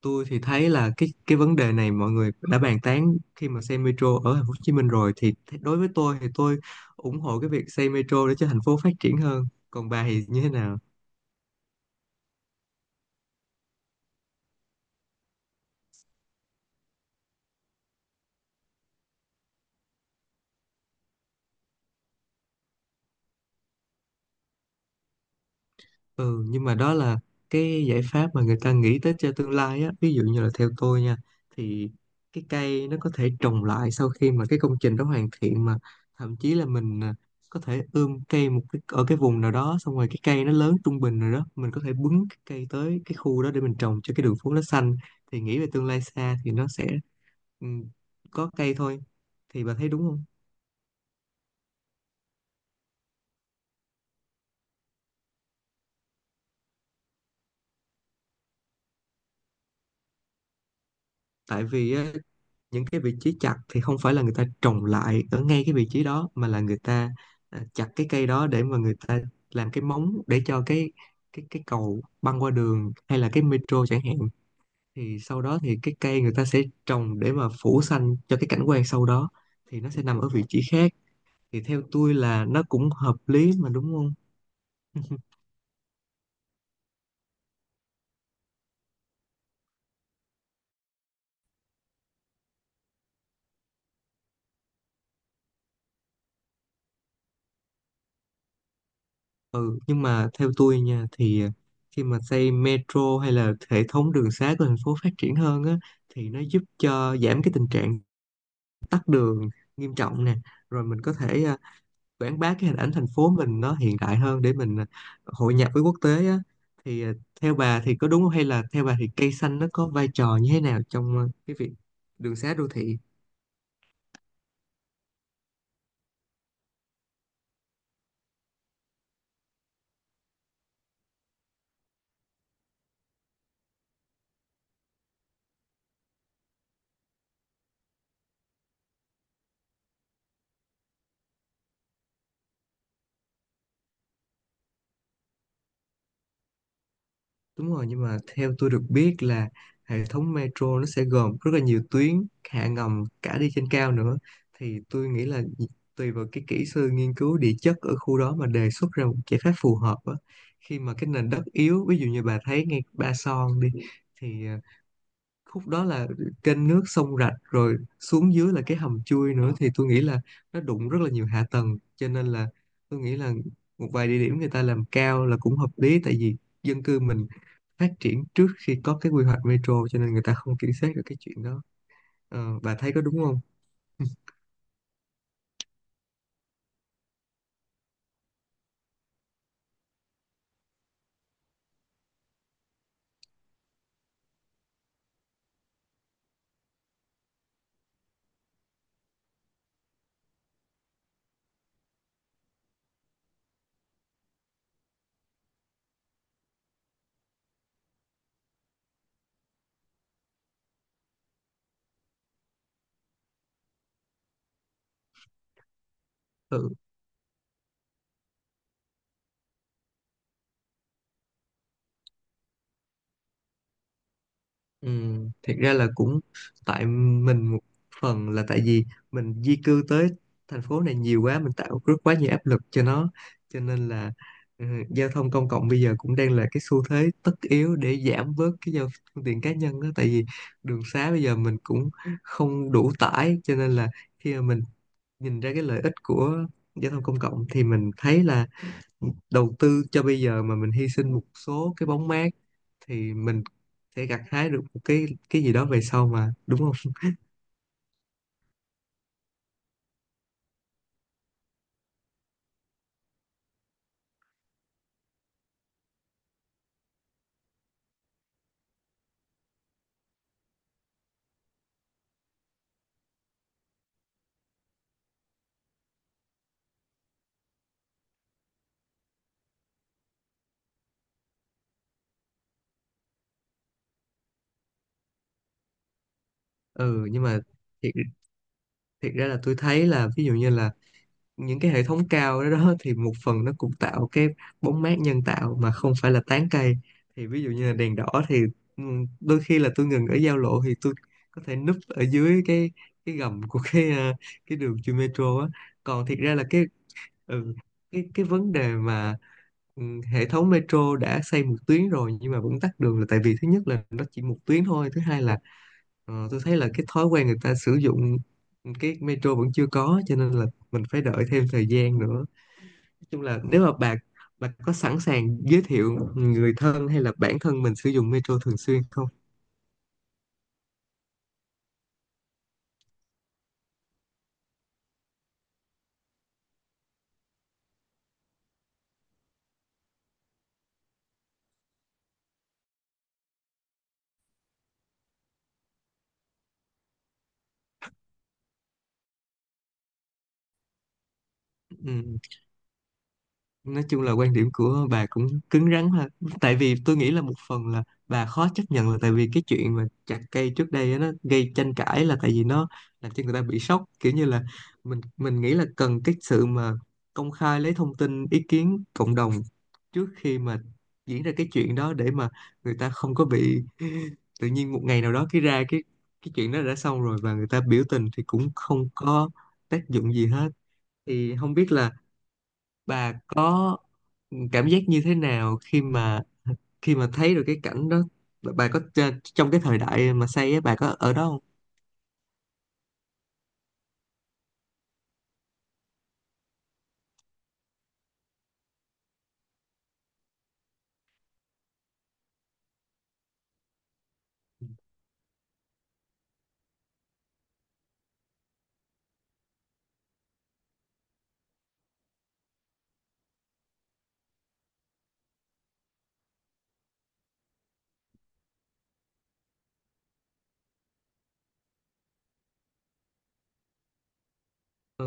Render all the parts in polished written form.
Tôi thì thấy là cái vấn đề này mọi người đã bàn tán khi mà xây metro ở thành phố Hồ Chí Minh rồi, thì đối với tôi thì tôi ủng hộ cái việc xây metro để cho thành phố phát triển hơn. Còn bà thì như thế nào? Ừ, nhưng mà đó là cái giải pháp mà người ta nghĩ tới cho tương lai á. Ví dụ như là theo tôi nha, thì cái cây nó có thể trồng lại sau khi mà cái công trình đó hoàn thiện mà, thậm chí là mình có thể ươm cây một cái, ở cái vùng nào đó xong rồi cái cây nó lớn trung bình rồi đó mình có thể bứng cái cây tới cái khu đó để mình trồng cho cái đường phố nó xanh. Thì nghĩ về tương lai xa thì nó sẽ, ừ, có cây thôi. Thì bà thấy đúng không? Tại vì á, những cái vị trí chặt thì không phải là người ta trồng lại ở ngay cái vị trí đó, mà là người ta chặt cái cây đó để mà người ta làm cái móng để cho cái cầu băng qua đường hay là cái metro chẳng hạn. Thì sau đó thì cái cây người ta sẽ trồng để mà phủ xanh cho cái cảnh quan sau đó, thì nó sẽ nằm ở vị trí khác. Thì theo tôi là nó cũng hợp lý mà, đúng không? Ừ nhưng mà theo tôi nha thì khi mà xây metro hay là hệ thống đường xá của thành phố phát triển hơn á, thì nó giúp cho giảm cái tình trạng tắc đường nghiêm trọng nè, rồi mình có thể quảng bá cái hình ảnh thành phố mình nó hiện đại hơn để mình hội nhập với quốc tế á. Thì theo bà thì có đúng không, hay là theo bà thì cây xanh nó có vai trò như thế nào trong cái việc đường xá đô thị? Đúng rồi, nhưng mà theo tôi được biết là hệ thống metro nó sẽ gồm rất là nhiều tuyến, hạ ngầm cả đi trên cao nữa. Thì tôi nghĩ là tùy vào cái kỹ sư nghiên cứu địa chất ở khu đó mà đề xuất ra một giải pháp phù hợp á. Khi mà cái nền đất yếu, ví dụ như bà thấy ngay Ba Son đi, thì khúc đó là kênh nước sông rạch rồi xuống dưới là cái hầm chui nữa, thì tôi nghĩ là nó đụng rất là nhiều hạ tầng, cho nên là tôi nghĩ là một vài địa điểm người ta làm cao là cũng hợp lý, tại vì dân cư mình phát triển trước khi có cái quy hoạch metro, cho nên người ta không kiểm soát được cái chuyện đó. Bà thấy có đúng không? Ừ. Ừ, thiệt ra là cũng tại mình, một phần là tại vì mình di cư tới thành phố này nhiều quá, mình tạo rất quá nhiều áp lực cho nó, cho nên là, ừ, giao thông công cộng bây giờ cũng đang là cái xu thế tất yếu để giảm bớt cái giao, phương tiện cá nhân đó, tại vì đường xá bây giờ mình cũng không đủ tải, cho nên là khi mà mình nhìn ra cái lợi ích của giao thông công cộng thì mình thấy là đầu tư cho bây giờ, mà mình hy sinh một số cái bóng mát, thì mình sẽ gặt hái được một cái gì đó về sau mà, đúng không? Ừ nhưng mà thiệt, thiệt ra là tôi thấy là ví dụ như là những cái hệ thống cao đó, đó thì một phần nó cũng tạo cái bóng mát nhân tạo mà không phải là tán cây. Thì ví dụ như là đèn đỏ thì, ừ, đôi khi là tôi ngừng ở giao lộ thì tôi có thể núp ở dưới cái gầm của cái cái đường chui metro á. Còn thiệt ra là cái, ừ. cái vấn đề mà, ừ, hệ thống metro đã xây một tuyến rồi nhưng mà vẫn tắc đường là tại vì thứ nhất là nó chỉ một tuyến thôi, thứ hai là tôi thấy là cái thói quen người ta sử dụng cái metro vẫn chưa có, cho nên là mình phải đợi thêm thời gian nữa. Nói chung là nếu mà bà có sẵn sàng giới thiệu người thân hay là bản thân mình sử dụng metro thường xuyên không? Ừ. Nói chung là quan điểm của bà cũng cứng rắn ha. Tại vì tôi nghĩ là một phần là bà khó chấp nhận là tại vì cái chuyện mà chặt cây trước đây á, nó gây tranh cãi là tại vì nó làm cho người ta bị sốc, kiểu như là mình nghĩ là cần cái sự mà công khai lấy thông tin ý kiến cộng đồng trước khi mà diễn ra cái chuyện đó, để mà người ta không có bị tự nhiên một ngày nào đó cái ra cái chuyện đó đã xong rồi và người ta biểu tình thì cũng không có tác dụng gì hết. Thì không biết là bà có cảm giác như thế nào khi mà, khi mà thấy được cái cảnh đó. Bà có trong cái thời đại mà xây á bà có ở đó không? Ừ.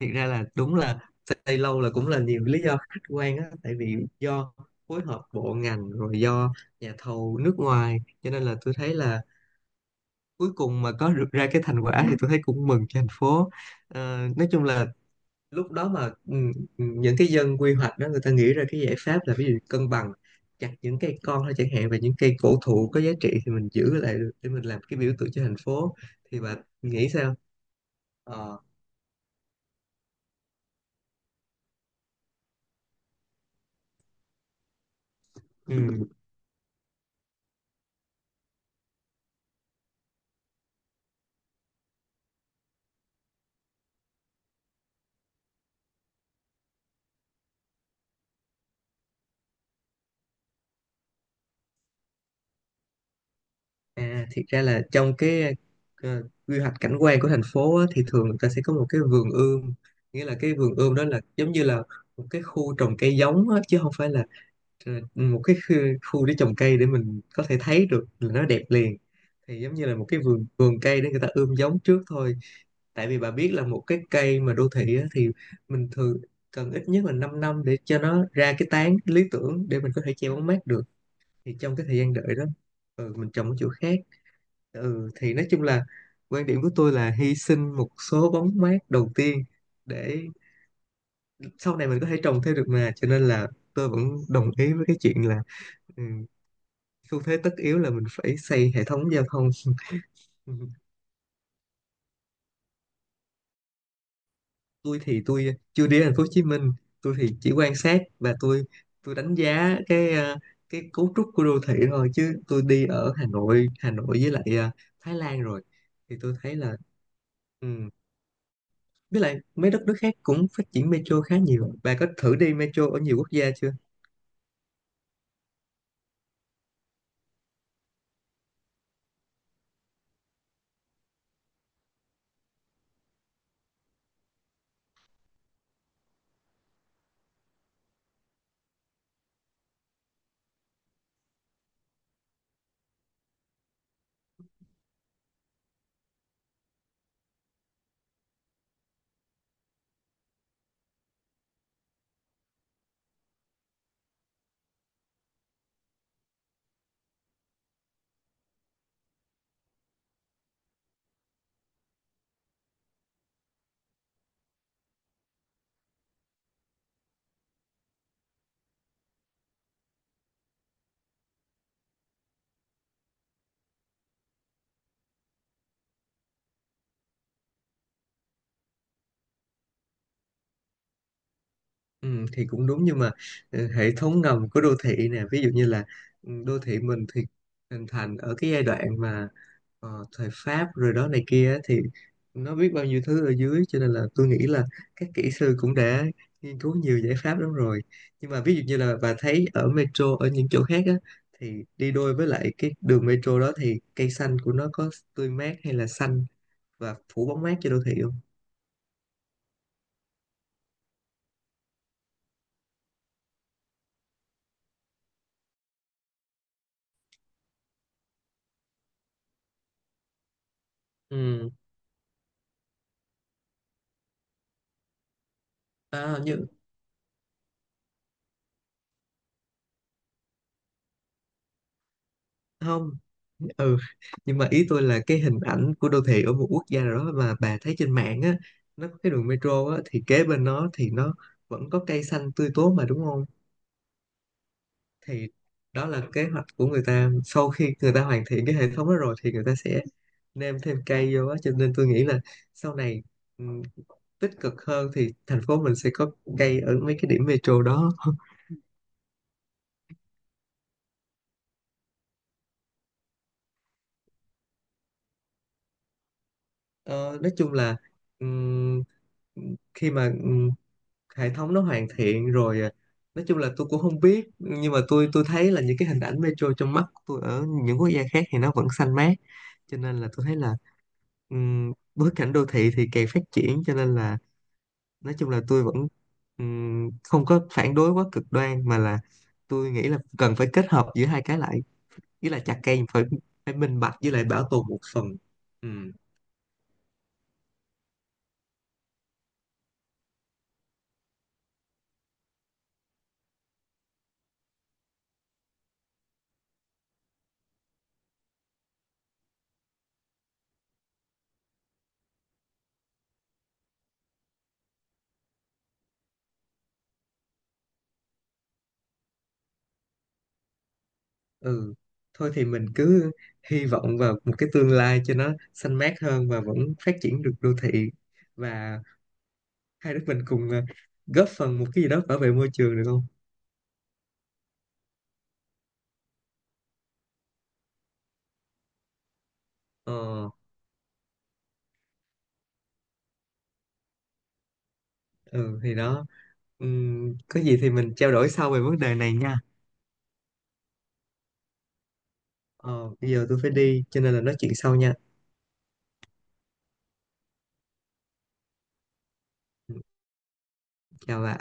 Thiệt ra là đúng là xây lâu là cũng là nhiều lý do khách quan á, tại vì do phối hợp bộ ngành, rồi do nhà thầu nước ngoài, cho nên là tôi thấy là cuối cùng mà có được ra cái thành quả thì tôi thấy cũng mừng cho thành phố. Ờ, nói chung là lúc đó mà, những cái dân quy hoạch đó người ta nghĩ ra cái giải pháp là ví dụ cân bằng, chặt những cây con thôi chẳng hạn, và những cây cổ thụ có giá trị thì mình giữ lại để mình làm cái biểu tượng cho thành phố. Thì bà nghĩ sao? Ờ. Ừ. À, thiệt ra là trong cái quy hoạch cảnh quan của thành phố á, thì thường người ta sẽ có một cái vườn ươm, nghĩa là cái vườn ươm đó là giống như là một cái khu trồng cây giống á, chứ không phải là một cái khu, khu để trồng cây để mình có thể thấy được là nó đẹp liền. Thì giống như là một cái vườn vườn cây để người ta ươm giống trước thôi. Tại vì bà biết là một cái cây mà đô thị á, thì mình thường cần ít nhất là 5 năm để cho nó ra cái tán lý tưởng để mình có thể che bóng mát được. Thì trong cái thời gian đợi đó, mình trồng ở chỗ khác. Thì nói chung là quan điểm của tôi là hy sinh một số bóng mát đầu tiên để sau này mình có thể trồng thêm được mà, cho nên là tôi vẫn đồng ý với cái chuyện là, ừ, xu thế tất yếu là mình phải xây hệ thống giao thông. Tôi thì tôi chưa đi thành phố Hồ Chí Minh, tôi thì chỉ quan sát và tôi đánh giá cái cái cấu trúc của đô thị thôi, chứ tôi đi ở Hà Nội với lại Thái Lan rồi. Thì tôi thấy là, ừ. Với lại mấy đất nước khác cũng phát triển metro khá nhiều. Bà có thử đi metro ở nhiều quốc gia chưa? Ừ, thì cũng đúng nhưng mà, hệ thống ngầm của đô thị nè, ví dụ như là, đô thị mình thì hình thành ở cái giai đoạn mà thời Pháp rồi đó này kia á, thì nó biết bao nhiêu thứ ở dưới, cho nên là tôi nghĩ là các kỹ sư cũng đã nghiên cứu nhiều giải pháp lắm rồi. Nhưng mà ví dụ như là bà thấy ở metro ở những chỗ khác á, thì đi đôi với lại cái đường metro đó thì cây xanh của nó có tươi mát hay là xanh và phủ bóng mát cho đô thị không? Ừ. À, như không. ừ nhưng mà ý tôi là cái hình ảnh của đô thị ở một quốc gia nào đó mà bà thấy trên mạng á, nó có cái đường metro á thì kế bên nó thì nó vẫn có cây xanh tươi tốt mà, đúng không? Thì đó là kế hoạch của người ta sau khi người ta hoàn thiện cái hệ thống đó rồi, thì người ta sẽ nêm thêm cây vô á. Cho nên tôi nghĩ là sau này, ừ, tích cực hơn thì thành phố mình sẽ có cây ở mấy cái điểm metro đó. Ờ, nói chung là, ừm, khi mà hệ thống nó hoàn thiện rồi nói chung là tôi cũng không biết, nhưng mà tôi thấy là những cái hình ảnh metro trong mắt của tôi ở những quốc gia khác thì nó vẫn xanh mát, cho nên là tôi thấy là, bối cảnh đô thị thì càng phát triển, cho nên là nói chung là tôi vẫn, không có phản đối quá cực đoan, mà là tôi nghĩ là cần phải kết hợp giữa hai cái lại, với là chặt cây phải phải minh bạch với lại bảo tồn một phần. Ừ. ừ Thôi thì mình cứ hy vọng vào một cái tương lai cho nó xanh mát hơn và vẫn phát triển được đô thị, và hai đứa mình cùng góp phần một cái gì đó bảo vệ môi trường được không? Ờ. Ừ, thì đó. Có gì thì mình trao đổi sau về vấn đề này nha. Ờ, bây giờ tôi phải đi cho nên là nói chuyện sau nha. Ừ, chào bạn.